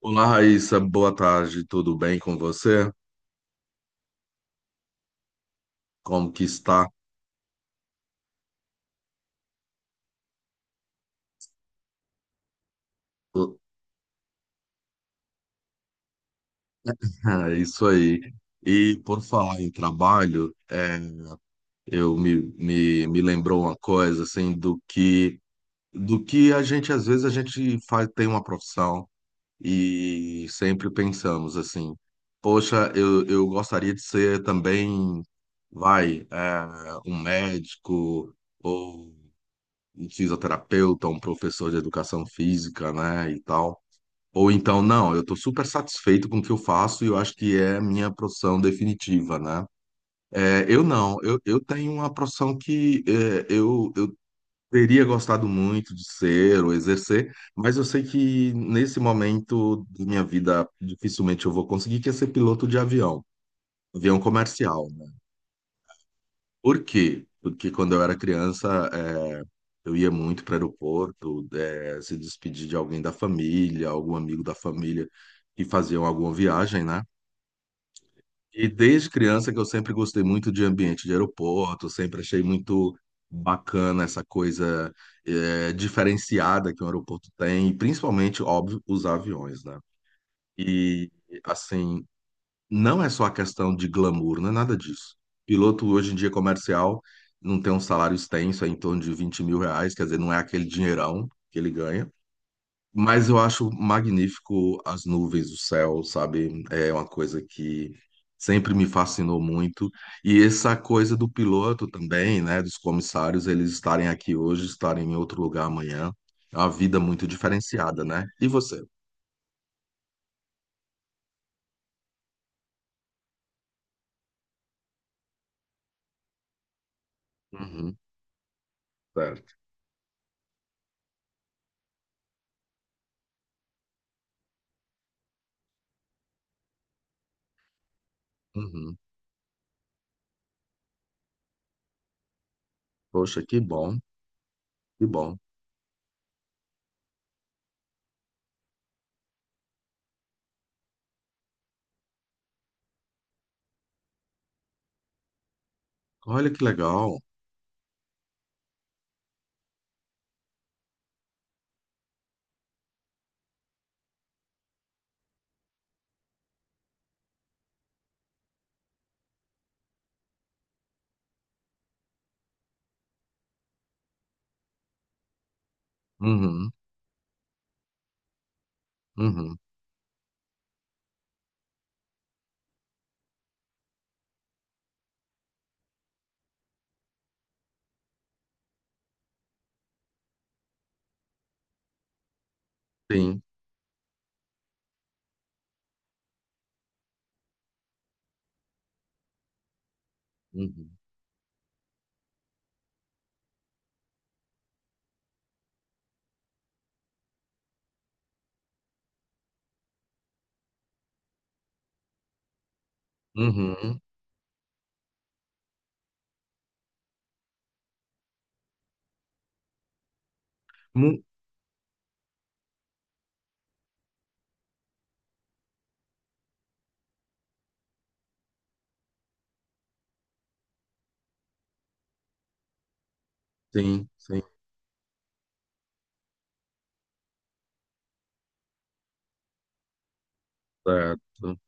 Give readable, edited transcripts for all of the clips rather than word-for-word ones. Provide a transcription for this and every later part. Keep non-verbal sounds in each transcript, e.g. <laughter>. Olá, Raíssa, boa tarde, tudo bem com você? Como que está? <laughs> É isso aí. E por falar em trabalho, me lembrou uma coisa assim do que a gente às vezes a gente faz, tem uma profissão e sempre pensamos assim, poxa, eu gostaria de ser também, vai, é, um médico ou um fisioterapeuta, um professor de educação física, né, e tal. Ou então, não, eu estou super satisfeito com o que eu faço e eu acho que é a minha profissão definitiva, né? É, eu não, eu tenho uma profissão que eu teria gostado muito de ser ou exercer, mas eu sei que nesse momento da minha vida dificilmente eu vou conseguir, que é ser piloto de avião, avião comercial. Por quê? Porque quando eu era criança, eu ia muito para o aeroporto, se despedir de alguém da família, algum amigo da família que faziam alguma viagem, né? E desde criança que eu sempre gostei muito de ambiente de aeroporto, sempre achei muito bacana essa coisa, é, diferenciada, que um aeroporto tem, e principalmente, óbvio, os aviões, né? E, assim, não é só a questão de glamour, não é nada disso. Piloto hoje em dia comercial não tem um salário extenso, é em torno de R$ 20.000, quer dizer, não é aquele dinheirão que ele ganha. Mas eu acho magnífico as nuvens, o céu, sabe? É uma coisa que sempre me fascinou muito. E essa coisa do piloto também, né? Dos comissários, eles estarem aqui hoje, estarem em outro lugar amanhã. É uma vida muito diferenciada, né? E você? Uhum, certo. Uhum. Poxa, que bom, que bom. Olha que legal. Uhum, uhum, sim, uhum, uhum. Mu- Sim, sim, certo.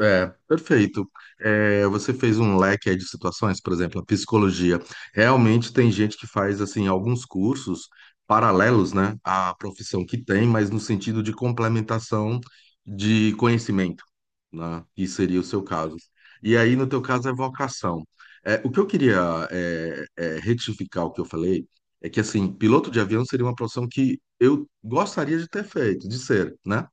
É, perfeito. É, você fez um leque aí de situações, por exemplo, a psicologia. Realmente tem gente que faz assim alguns cursos paralelos, né, à profissão que tem, mas no sentido de complementação de conhecimento, né, que seria o seu caso. E aí, no teu caso, é vocação. É, o que eu queria retificar o que eu falei é que assim, piloto de avião seria uma profissão que eu gostaria de ter feito, de ser, né?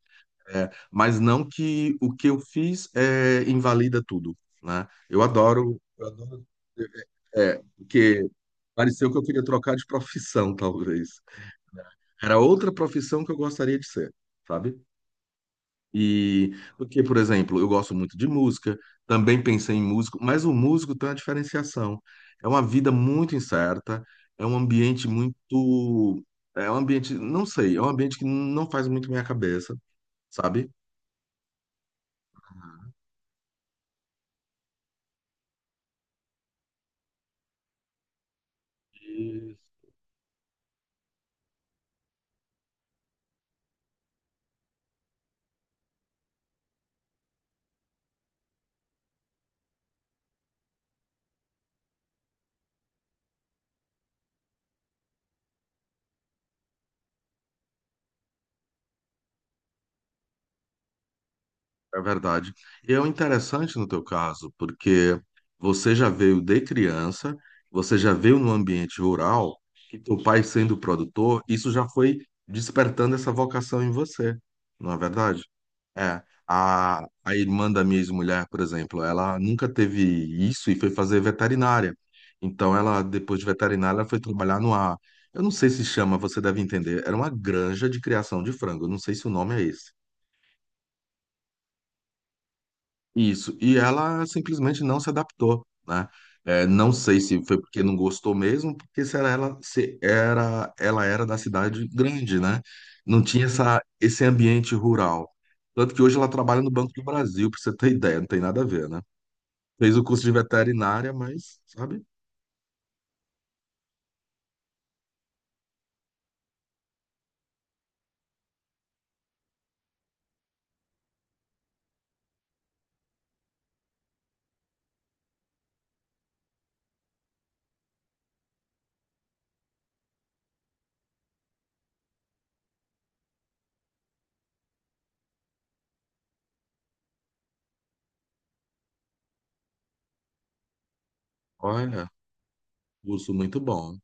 É, mas não que o que eu fiz é, invalida tudo, né? Eu adoro, eu adoro, porque pareceu que eu queria trocar de profissão, talvez. Era outra profissão que eu gostaria de ser, sabe? E porque, por exemplo, eu gosto muito de música, também pensei em músico, mas o músico tem uma diferenciação. É uma vida muito incerta, é um ambiente muito, é um ambiente, não sei, é um ambiente que não faz muito minha cabeça, sabe? É verdade. E é o interessante no teu caso, porque você já veio de criança, você já veio num ambiente rural, e teu pai sendo produtor, isso já foi despertando essa vocação em você, não é verdade? É. A irmã da minha ex-mulher, por exemplo, ela nunca teve isso e foi fazer veterinária. Então, ela, depois de veterinária, ela foi trabalhar numa. Eu não sei se chama, você deve entender. Era uma granja de criação de frango. Eu não sei se o nome é esse. Isso, e ela simplesmente não se adaptou, né? É, não sei se foi porque não gostou mesmo, porque se era ela, se era, ela era da cidade grande, né? Não tinha essa, esse ambiente rural. Tanto que hoje ela trabalha no Banco do Brasil, para você ter ideia, não tem nada a ver, né? Fez o curso de veterinária, mas, sabe? Olha, curso muito bom.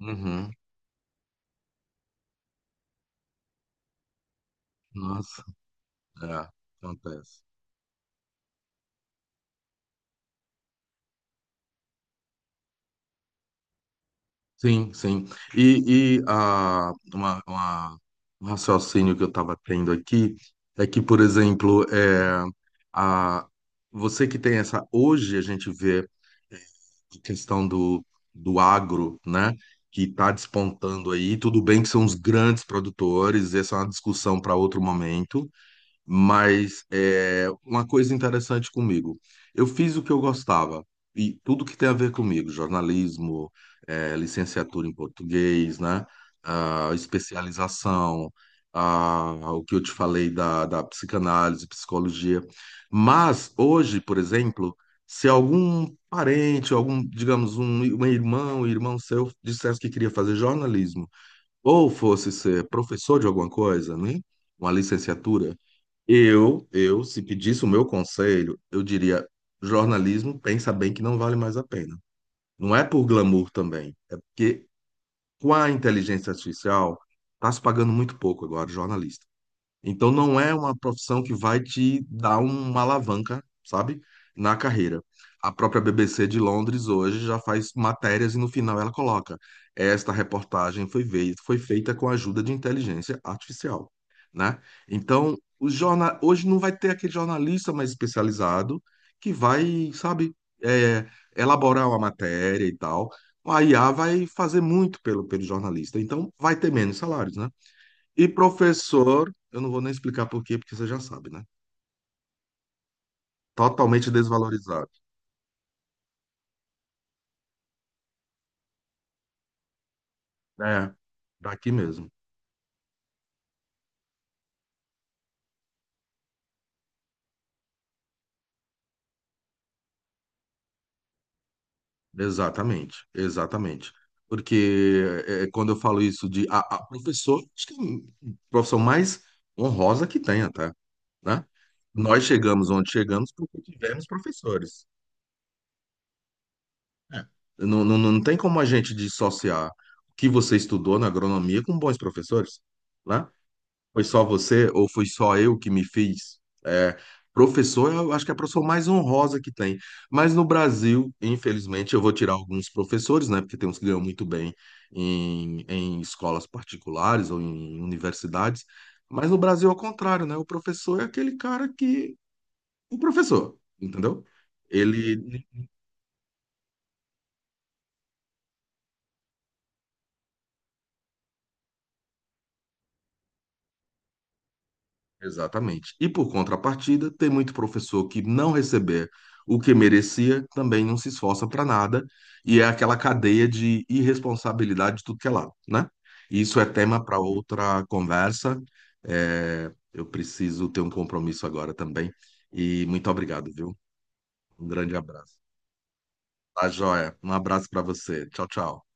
Uhum, nossa, é, acontece. Sim, sim. E, e ah, uma, uma- Um raciocínio que eu estava tendo aqui é que, por exemplo, é, a, você que tem essa. Hoje a gente vê, é, a questão do agro, né? Que está despontando aí. Tudo bem que são os grandes produtores, essa é uma discussão para outro momento, mas é, uma coisa interessante comigo, eu fiz o que eu gostava e tudo que tem a ver comigo, jornalismo, é, licenciatura em português, né? Ah, especialização, ah, o que eu te falei da psicanálise, psicologia. Mas hoje, por exemplo, se algum parente, algum, digamos, um, um irmão seu dissesse que queria fazer jornalismo ou fosse ser professor de alguma coisa, né? Uma licenciatura, eu, se pedisse o meu conselho, eu diria: jornalismo, pensa bem que não vale mais a pena. Não é por glamour também, é porque com a inteligência artificial está se pagando muito pouco agora, jornalista. Então não é uma profissão que vai te dar uma alavanca, sabe, na carreira. A própria BBC de Londres hoje já faz matérias e no final ela coloca: esta reportagem foi feita com a ajuda de inteligência artificial, né? Então, o jornal hoje não vai ter aquele jornalista mais especializado que vai, sabe, é, elaborar uma matéria e tal. A IA vai fazer muito pelo jornalista, então vai ter menos salários, né? E professor, eu não vou nem explicar por quê, porque você já sabe, né? Totalmente desvalorizado. É, daqui mesmo. Exatamente, exatamente. Porque quando eu falo isso de a professor, acho que é a profissão mais honrosa que tem até, né? Nós chegamos onde chegamos porque tivemos professores. É. Não tem como a gente dissociar o que você estudou na agronomia com bons professores, né? Foi só você ou foi só eu que me fiz? É, professor, eu acho que é a profissão mais honrosa que tem. Mas no Brasil, infelizmente, eu vou tirar alguns professores, né? Porque tem uns que ganham muito bem em escolas particulares ou em universidades. Mas no Brasil, ao contrário, né? O professor é aquele cara que. O professor, entendeu? Ele, exatamente. E por contrapartida, tem muito professor que não receber o que merecia, também não se esforça para nada, e é aquela cadeia de irresponsabilidade de tudo que é lado, né? Isso é tema para outra conversa. É, eu preciso ter um compromisso agora também. E muito obrigado, viu? Um grande abraço. Tá, joia. Um abraço para você. Tchau, tchau.